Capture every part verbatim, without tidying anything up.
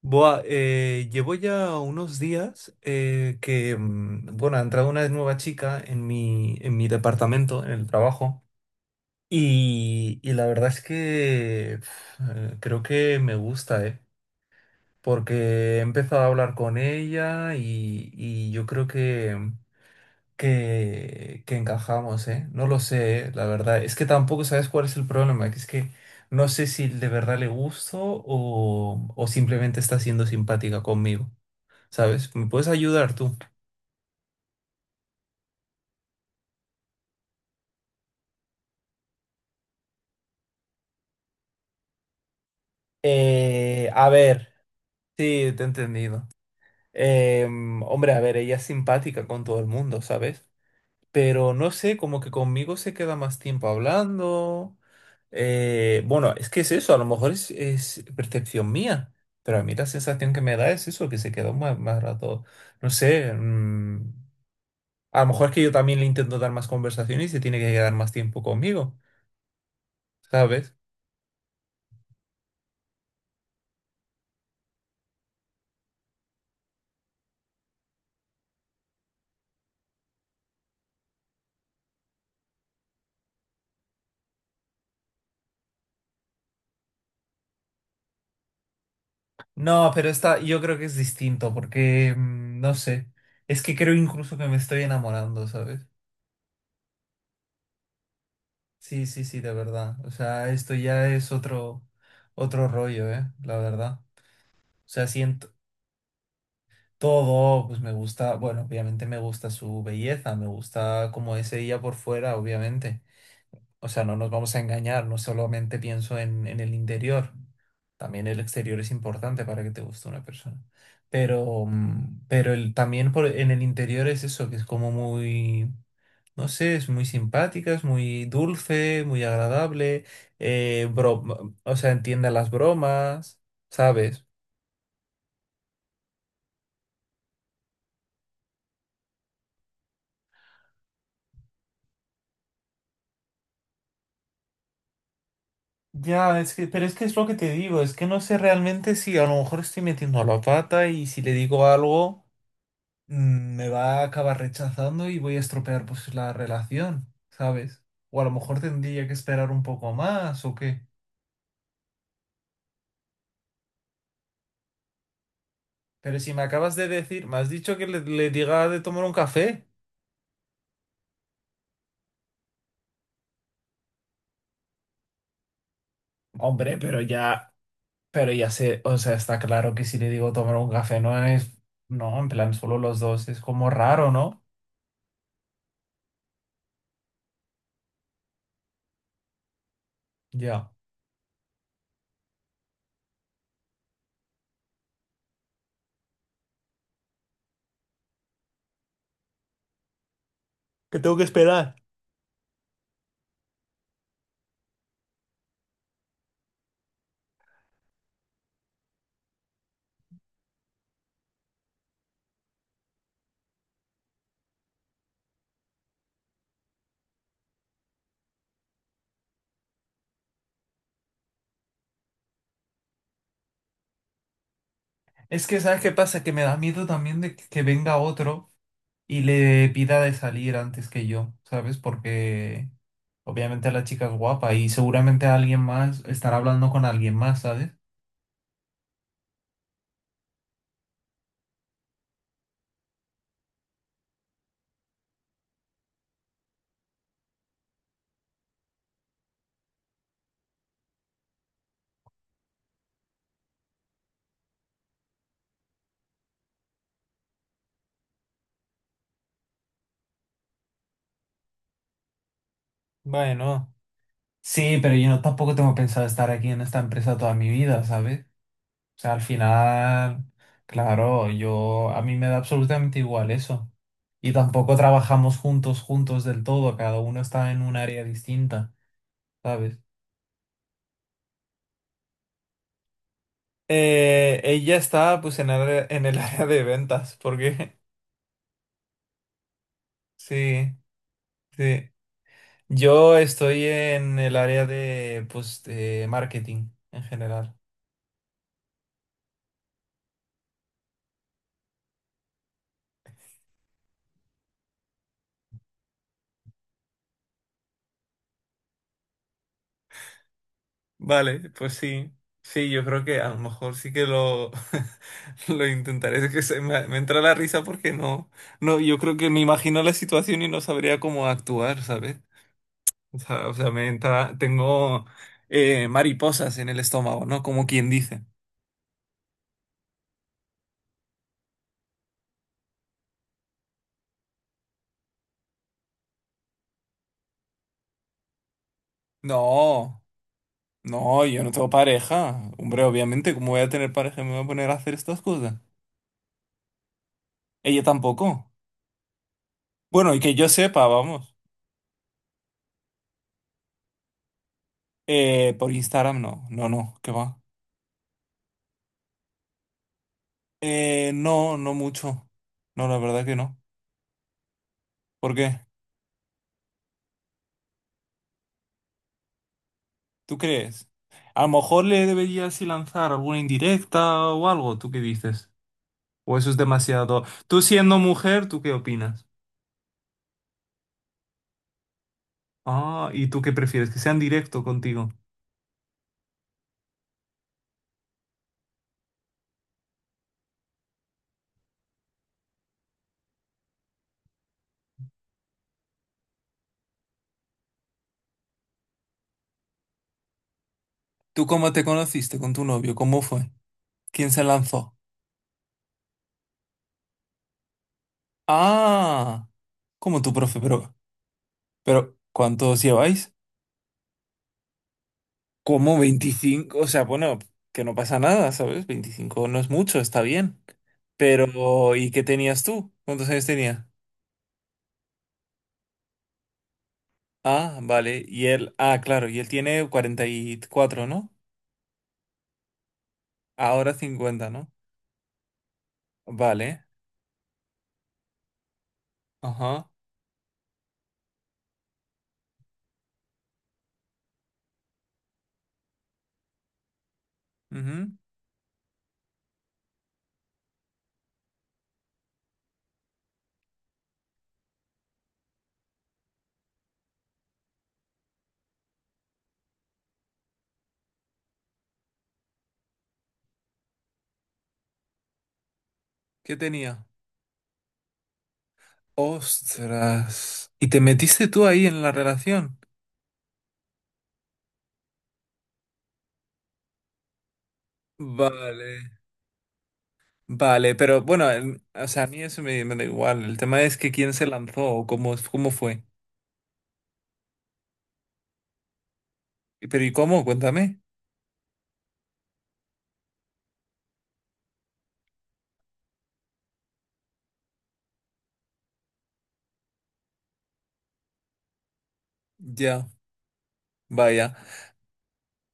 Boa, eh, llevo ya unos días eh, que, mm, bueno, ha entrado una nueva chica en mi, en mi departamento, en el trabajo, y, y la verdad es que pf, eh, creo que me gusta, ¿eh? Porque he empezado a hablar con ella y, y yo creo que, que, que encajamos, ¿eh? No lo sé, ¿eh? La verdad, es que tampoco sabes cuál es el problema, que es que no sé si de verdad le gusto o, o simplemente está siendo simpática conmigo. ¿Sabes? ¿Me puedes ayudar tú? Eh, a ver, Sí, te he entendido. Em, hombre, a ver, ella es simpática con todo el mundo, ¿sabes? Pero no sé, como que conmigo se queda más tiempo hablando. Eh, bueno, es que es eso, a lo mejor es, es percepción mía, pero a mí la sensación que me da es eso, que se quedó más, más rato, no sé, mm, a lo mejor es que yo también le intento dar más conversación y se tiene que quedar más tiempo conmigo, ¿sabes? No, pero esta yo creo que es distinto porque, mm, no sé, es que creo incluso que me estoy enamorando, ¿sabes? Sí, sí, sí, de verdad. O sea, esto ya es otro, otro rollo, ¿eh? La verdad. O sea, siento todo, pues me gusta, bueno, obviamente me gusta su belleza, me gusta como es ella por fuera, obviamente. O sea, no nos vamos a engañar, no solamente pienso en, en el interior, también el exterior es importante para que te guste una persona. Pero, mm, pero el, también por, en el interior es eso, que es como muy, no sé, es muy simpática, es muy dulce, muy agradable, eh, bro- mm, o sea, entiende las bromas, ¿sabes? Ya, es que, pero es que es lo que te digo, es que no sé realmente si a lo mejor estoy metiendo la pata y si le digo algo. Mm, me va a acabar rechazando y voy a estropear pues la relación, ¿sabes? O a lo mejor tendría que esperar un poco más o qué. Pero si me acabas de decir, me has dicho que le, le diga de tomar un café. Hombre, pero ya, pero ya sé, o sea, está claro que si le digo tomar un café no es, no, en plan solo los dos, es como raro, ¿no? Ya. Que tengo que esperar. Es que, ¿sabes qué pasa? Que me da miedo también de que que venga otro y le pida de salir antes que yo, ¿sabes? Porque obviamente la chica es guapa y seguramente alguien más estará hablando con alguien más, ¿sabes? Bueno, sí, pero yo no, tampoco tengo pensado estar aquí en esta empresa toda mi vida, ¿sabes? O sea, al final, claro, yo a mí me da absolutamente igual eso. Y tampoco trabajamos juntos, juntos del todo, cada uno está en un área distinta, ¿sabes? Eh, ella está pues en, área- en el área de ventas, porque sí. Sí. Yo estoy en el área de, pues, de marketing en general. Vale, pues sí. Sí, yo creo que a lo mejor sí que lo, lo intentaré. Es que se me, me entra la risa porque no, no, yo creo que me imagino la situación y no sabría cómo actuar, ¿sabes? O sea, o sea, me entra, tengo eh, mariposas en el estómago, ¿no? Como quien dice. No, no, yo no tengo pareja. Hombre, obviamente, ¿cómo voy a tener pareja? ¿Me voy a poner a hacer estas cosas? Ella tampoco. Bueno, y que yo sepa, vamos. Eh, por Instagram no, no, no, ¿qué va? Eh, no, no mucho. No, la verdad que no. ¿Por qué? ¿Tú crees? A lo mejor le deberías sí lanzar alguna indirecta o algo, ¿tú qué dices? O eso es demasiado. Tú siendo mujer, ¿tú qué opinas? Ah, ¿y tú qué prefieres? Que sean directo contigo. ¿Tú cómo te conociste con tu novio? ¿Cómo fue? ¿Quién se lanzó? Ah, como tu profe, pero, pero ¿cuántos lleváis? Como veinticinco, o sea, bueno, que no pasa nada, ¿sabes? Veinticinco no es mucho, está bien. Pero, ¿y qué tenías tú? ¿Cuántos años tenía? Ah, vale. Y él, ah, claro, y él tiene cuarenta y cuatro, ¿no? Ahora cincuenta, ¿no? Vale. Ajá. Ujú. ¿Qué tenía? Ostras. ¿Y te metiste tú ahí en la relación? Vale. Vale, pero bueno, el- o sea, a mí eso me, me da igual. El tema es que quién se lanzó o cómo, cómo fue. Pero ¿y cómo? Cuéntame. Ya. Vaya,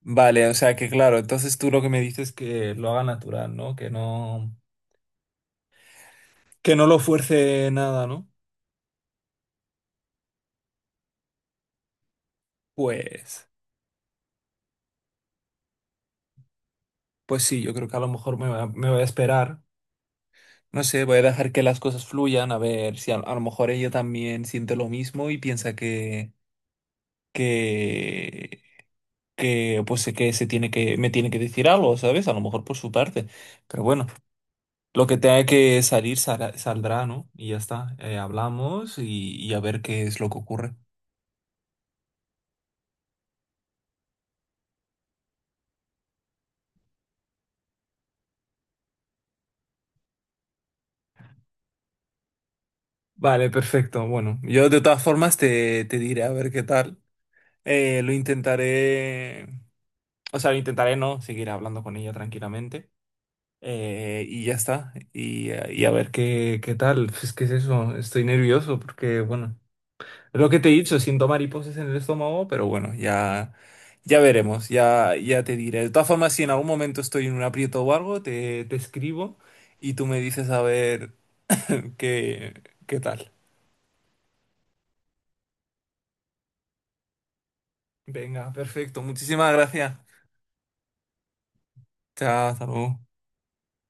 vale, o sea que claro, entonces tú lo que me dices es que lo haga natural, ¿no? Que no, que no lo fuerce nada, ¿no? Pues, pues sí, yo creo que a lo mejor me, va- me voy a esperar. No sé, voy a dejar que las cosas fluyan, a ver si a, a lo mejor ella también siente lo mismo y piensa que, que, que, pues que se tiene que, me tiene que decir algo, ¿sabes? A lo mejor por su parte. Pero bueno, lo que tenga que salir sal- saldrá, ¿no? Y ya está. Eh, hablamos y y a ver qué es lo que ocurre. Vale, perfecto. Bueno, yo de todas formas te, te diré a ver qué tal. Eh, lo intentaré, o sea, lo intentaré no, seguir hablando con ella tranquilamente. Eh, y ya está. Y, eh, y a ver qué, qué tal. Pues es que es eso, estoy nervioso porque, bueno, es lo que te he dicho, siento mariposas en el estómago, pero bueno, ya, ya veremos, ya, ya te diré. De todas formas, si en algún momento estoy en un aprieto o algo, te, te escribo y tú me dices a ver qué, qué tal. Venga, perfecto. Muchísimas gracias. Chao, hasta luego.